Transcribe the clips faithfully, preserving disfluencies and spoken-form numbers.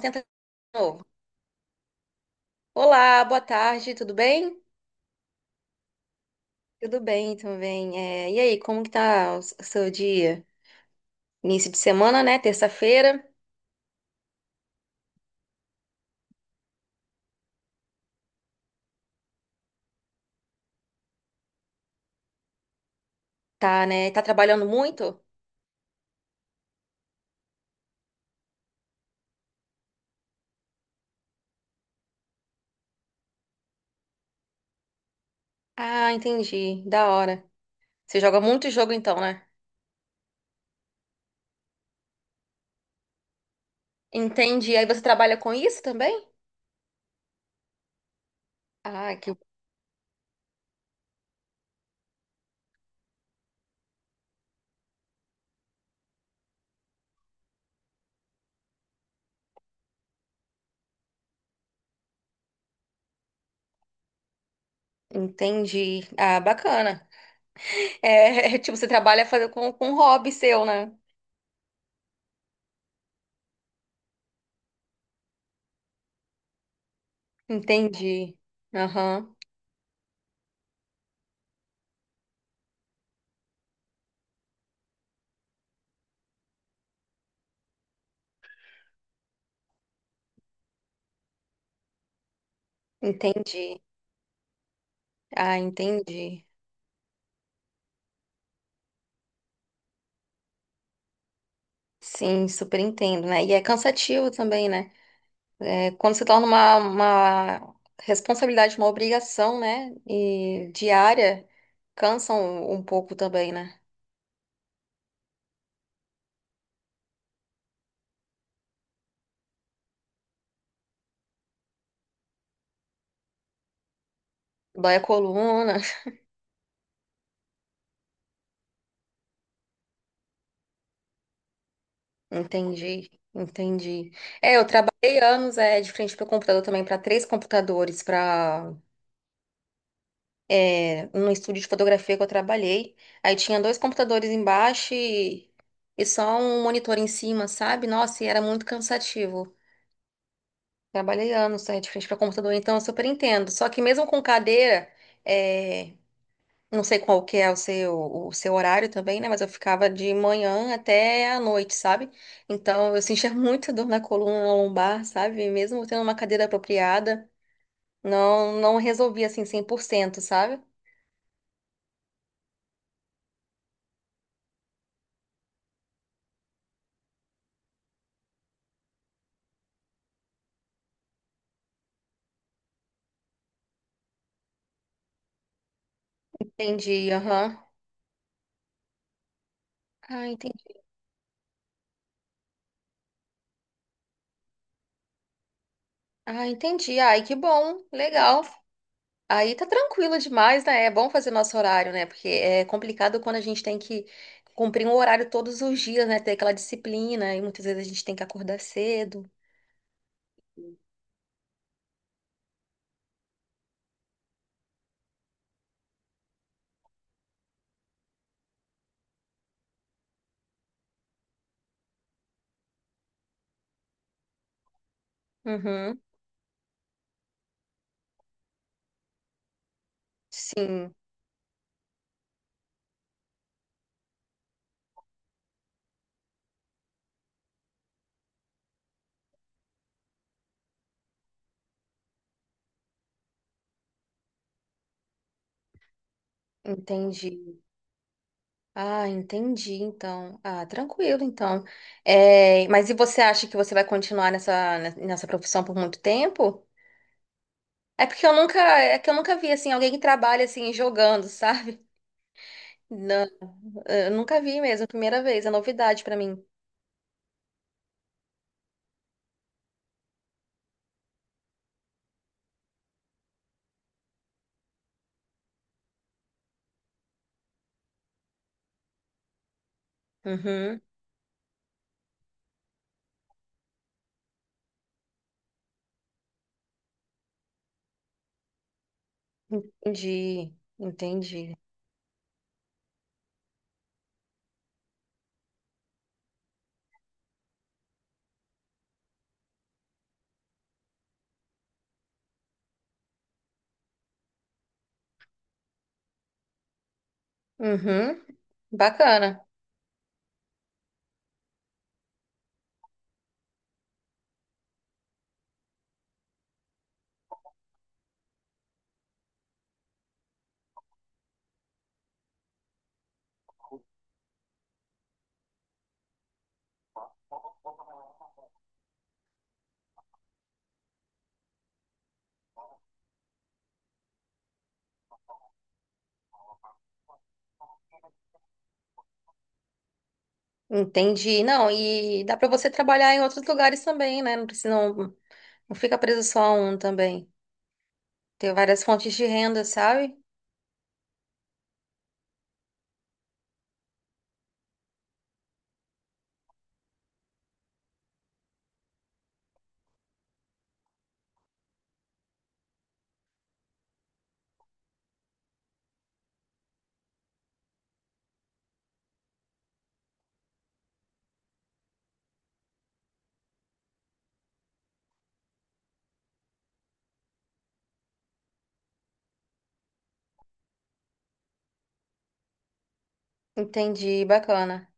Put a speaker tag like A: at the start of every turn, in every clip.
A: Tenta de novo. Olá, boa tarde, tudo bem? Tudo bem também. É, e aí, como que tá o s- o seu dia? Início de semana, né? Terça-feira. Tá, né? Tá trabalhando muito? Ah, entendi. Da hora. Você joga muito jogo então, né? Entendi. Aí você trabalha com isso também? Ah, que entendi. Ah, bacana. É, é, tipo, você trabalha fazer com, com um hobby seu, né? Entendi. Aham, entendi. Ah, entendi. Sim, super entendo, né? E é cansativo também, né? É, quando se torna uma, uma responsabilidade, uma obrigação, né? E diária, cansa um, um pouco também, né? Dói a coluna. Entendi, entendi. É, eu trabalhei anos é, de frente para o computador também, para três computadores, para é, no estúdio de fotografia que eu trabalhei. Aí tinha dois computadores embaixo e, e só um monitor em cima, sabe? Nossa, e era muito cansativo. Trabalhei anos aí de frente para computador, então eu super entendo. Só que mesmo com cadeira, é, não sei qual que é o seu, o seu, horário também, né? Mas eu ficava de manhã até à noite, sabe? Então eu sentia muita dor na coluna, na lombar, sabe? Mesmo tendo uma cadeira apropriada, não, não resolvia assim cem por cento, sabe? Entendi, aham. Ah, entendi. Ah, entendi. Ai, que bom, legal. Aí tá tranquilo demais, né? É bom fazer nosso horário, né? Porque é complicado quando a gente tem que cumprir um horário todos os dias, né? Ter aquela disciplina e muitas vezes a gente tem que acordar cedo. Uhum. Sim, entendi. Ah, entendi, então. Ah, tranquilo, então. É, mas e você acha que você vai continuar nessa, nessa profissão por muito tempo? É porque eu nunca, é que eu nunca vi assim alguém que trabalha assim jogando, sabe? Não, eu nunca vi mesmo, primeira vez, é novidade pra mim. Uhum. Entendi, entendi. Uhum, bacana. Entendi. Não, e dá para você trabalhar em outros lugares também, né? Não precisa, não, não fica preso só a um também. Tem várias fontes de renda, sabe? Entendi, bacana.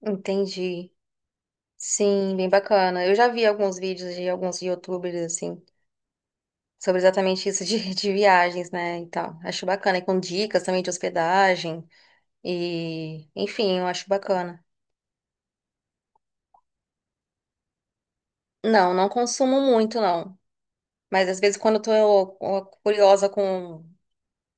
A: Entendi. Sim, bem bacana. Eu já vi alguns vídeos de alguns YouTubers, assim, sobre exatamente isso de, de viagens, né? E tal. Acho bacana. E com dicas também de hospedagem. E, enfim, eu acho bacana. Não, não consumo muito, não. Mas às vezes quando eu tô ó, curiosa com,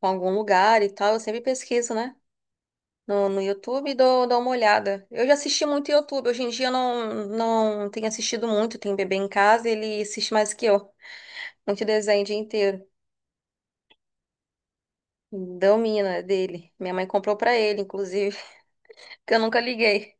A: com algum lugar e tal, eu sempre pesquiso, né? No, no YouTube e dou, dou uma olhada. Eu já assisti muito YouTube. Hoje em dia eu não, não tenho assistido muito. Tem bebê em casa e ele assiste mais que eu. Muito desenho o dia inteiro. Domina dele. Minha mãe comprou pra ele, inclusive, que eu nunca liguei.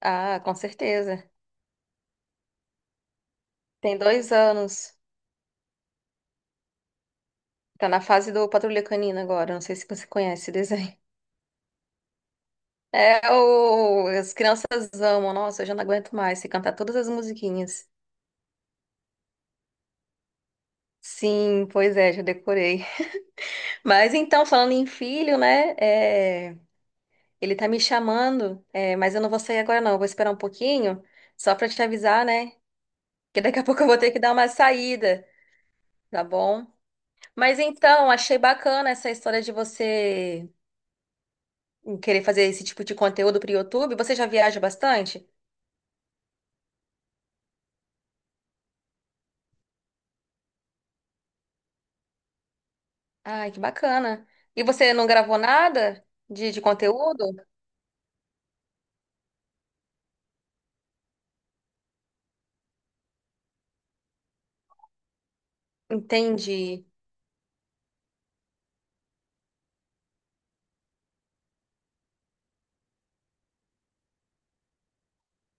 A: Ah, com certeza. Tem dois anos. Tá na fase do Patrulha Canina agora. Não sei se você conhece esse desenho. É, o... as crianças amam. Nossa, eu já não aguento mais se cantar todas as musiquinhas. Sim, pois é, já decorei. Mas então, falando em filho, né? é, Ele tá me chamando, é, mas eu não vou sair agora, não. Eu vou esperar um pouquinho, só pra te avisar, né? Que daqui a pouco eu vou ter que dar uma saída, tá bom? Mas então, achei bacana essa história de você querer fazer esse tipo de conteúdo pro YouTube. Você já viaja bastante? Ai, que bacana. E você não gravou nada de de conteúdo? Entendi.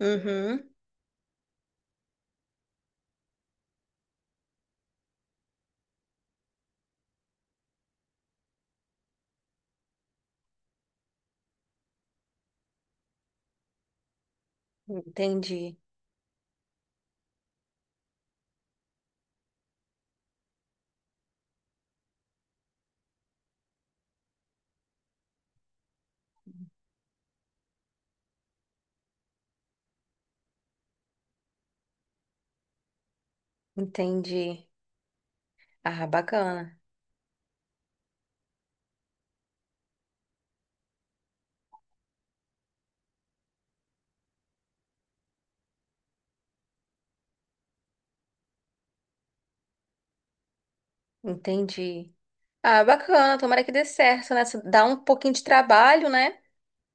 A: Uhum. Entendi. Entendi. Ah, bacana. Entendi. Ah, bacana. Tomara que dê certo, né? Dá um pouquinho de trabalho, né?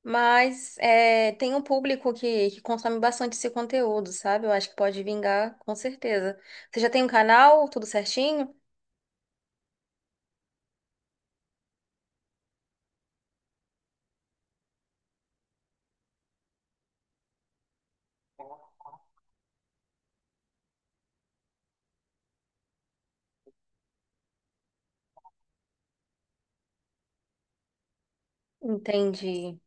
A: Mas é, tem um público que, que consome bastante esse conteúdo, sabe? Eu acho que pode vingar, com certeza. Você já tem um canal, tudo certinho? Entendi.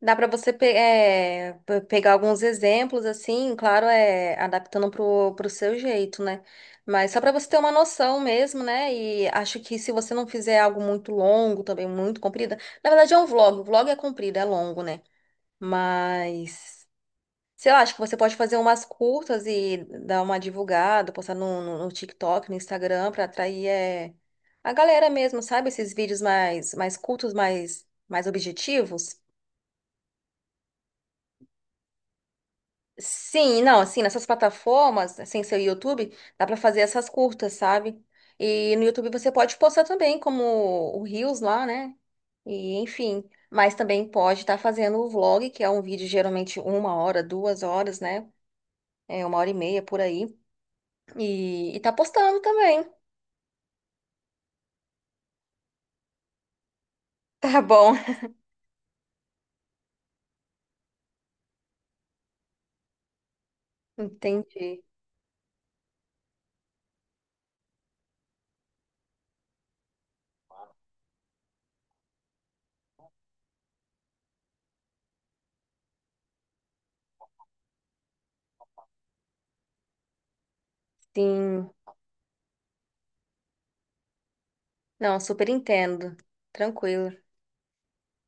A: Dá para você pe- é, pe- pegar alguns exemplos, assim, claro, é adaptando pro, pro seu jeito, né? Mas só para você ter uma noção mesmo, né? E acho que se você não fizer algo muito longo também, muito comprido, na verdade é um vlog, o vlog é comprido, é longo, né? Mas, sei lá, acho que você pode fazer umas curtas e dar uma divulgada, postar no, no, no TikTok, no Instagram, para atrair é, a galera mesmo, sabe? Esses vídeos mais, mais curtos, mais, mais objetivos. Sim, não, assim, nessas plataformas, sem ser o YouTube, dá pra fazer essas curtas, sabe? E no YouTube você pode postar também, como o Reels lá, né? E enfim, mas também pode estar fazendo o vlog, que é um vídeo geralmente uma hora, duas horas, né? É uma hora e meia por aí. E, e tá postando também. Tá bom. Entendi. Sim. Não, super entendo. Tranquilo.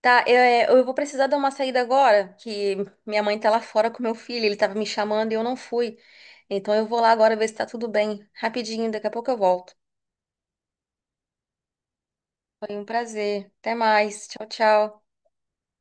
A: Tá, eu, é, eu vou precisar dar uma saída agora, que minha mãe tá lá fora com meu filho, ele tava me chamando e eu não fui. Então eu vou lá agora ver se tá tudo bem. Rapidinho, daqui a pouco eu volto. Foi um prazer. Até mais. Tchau, tchau.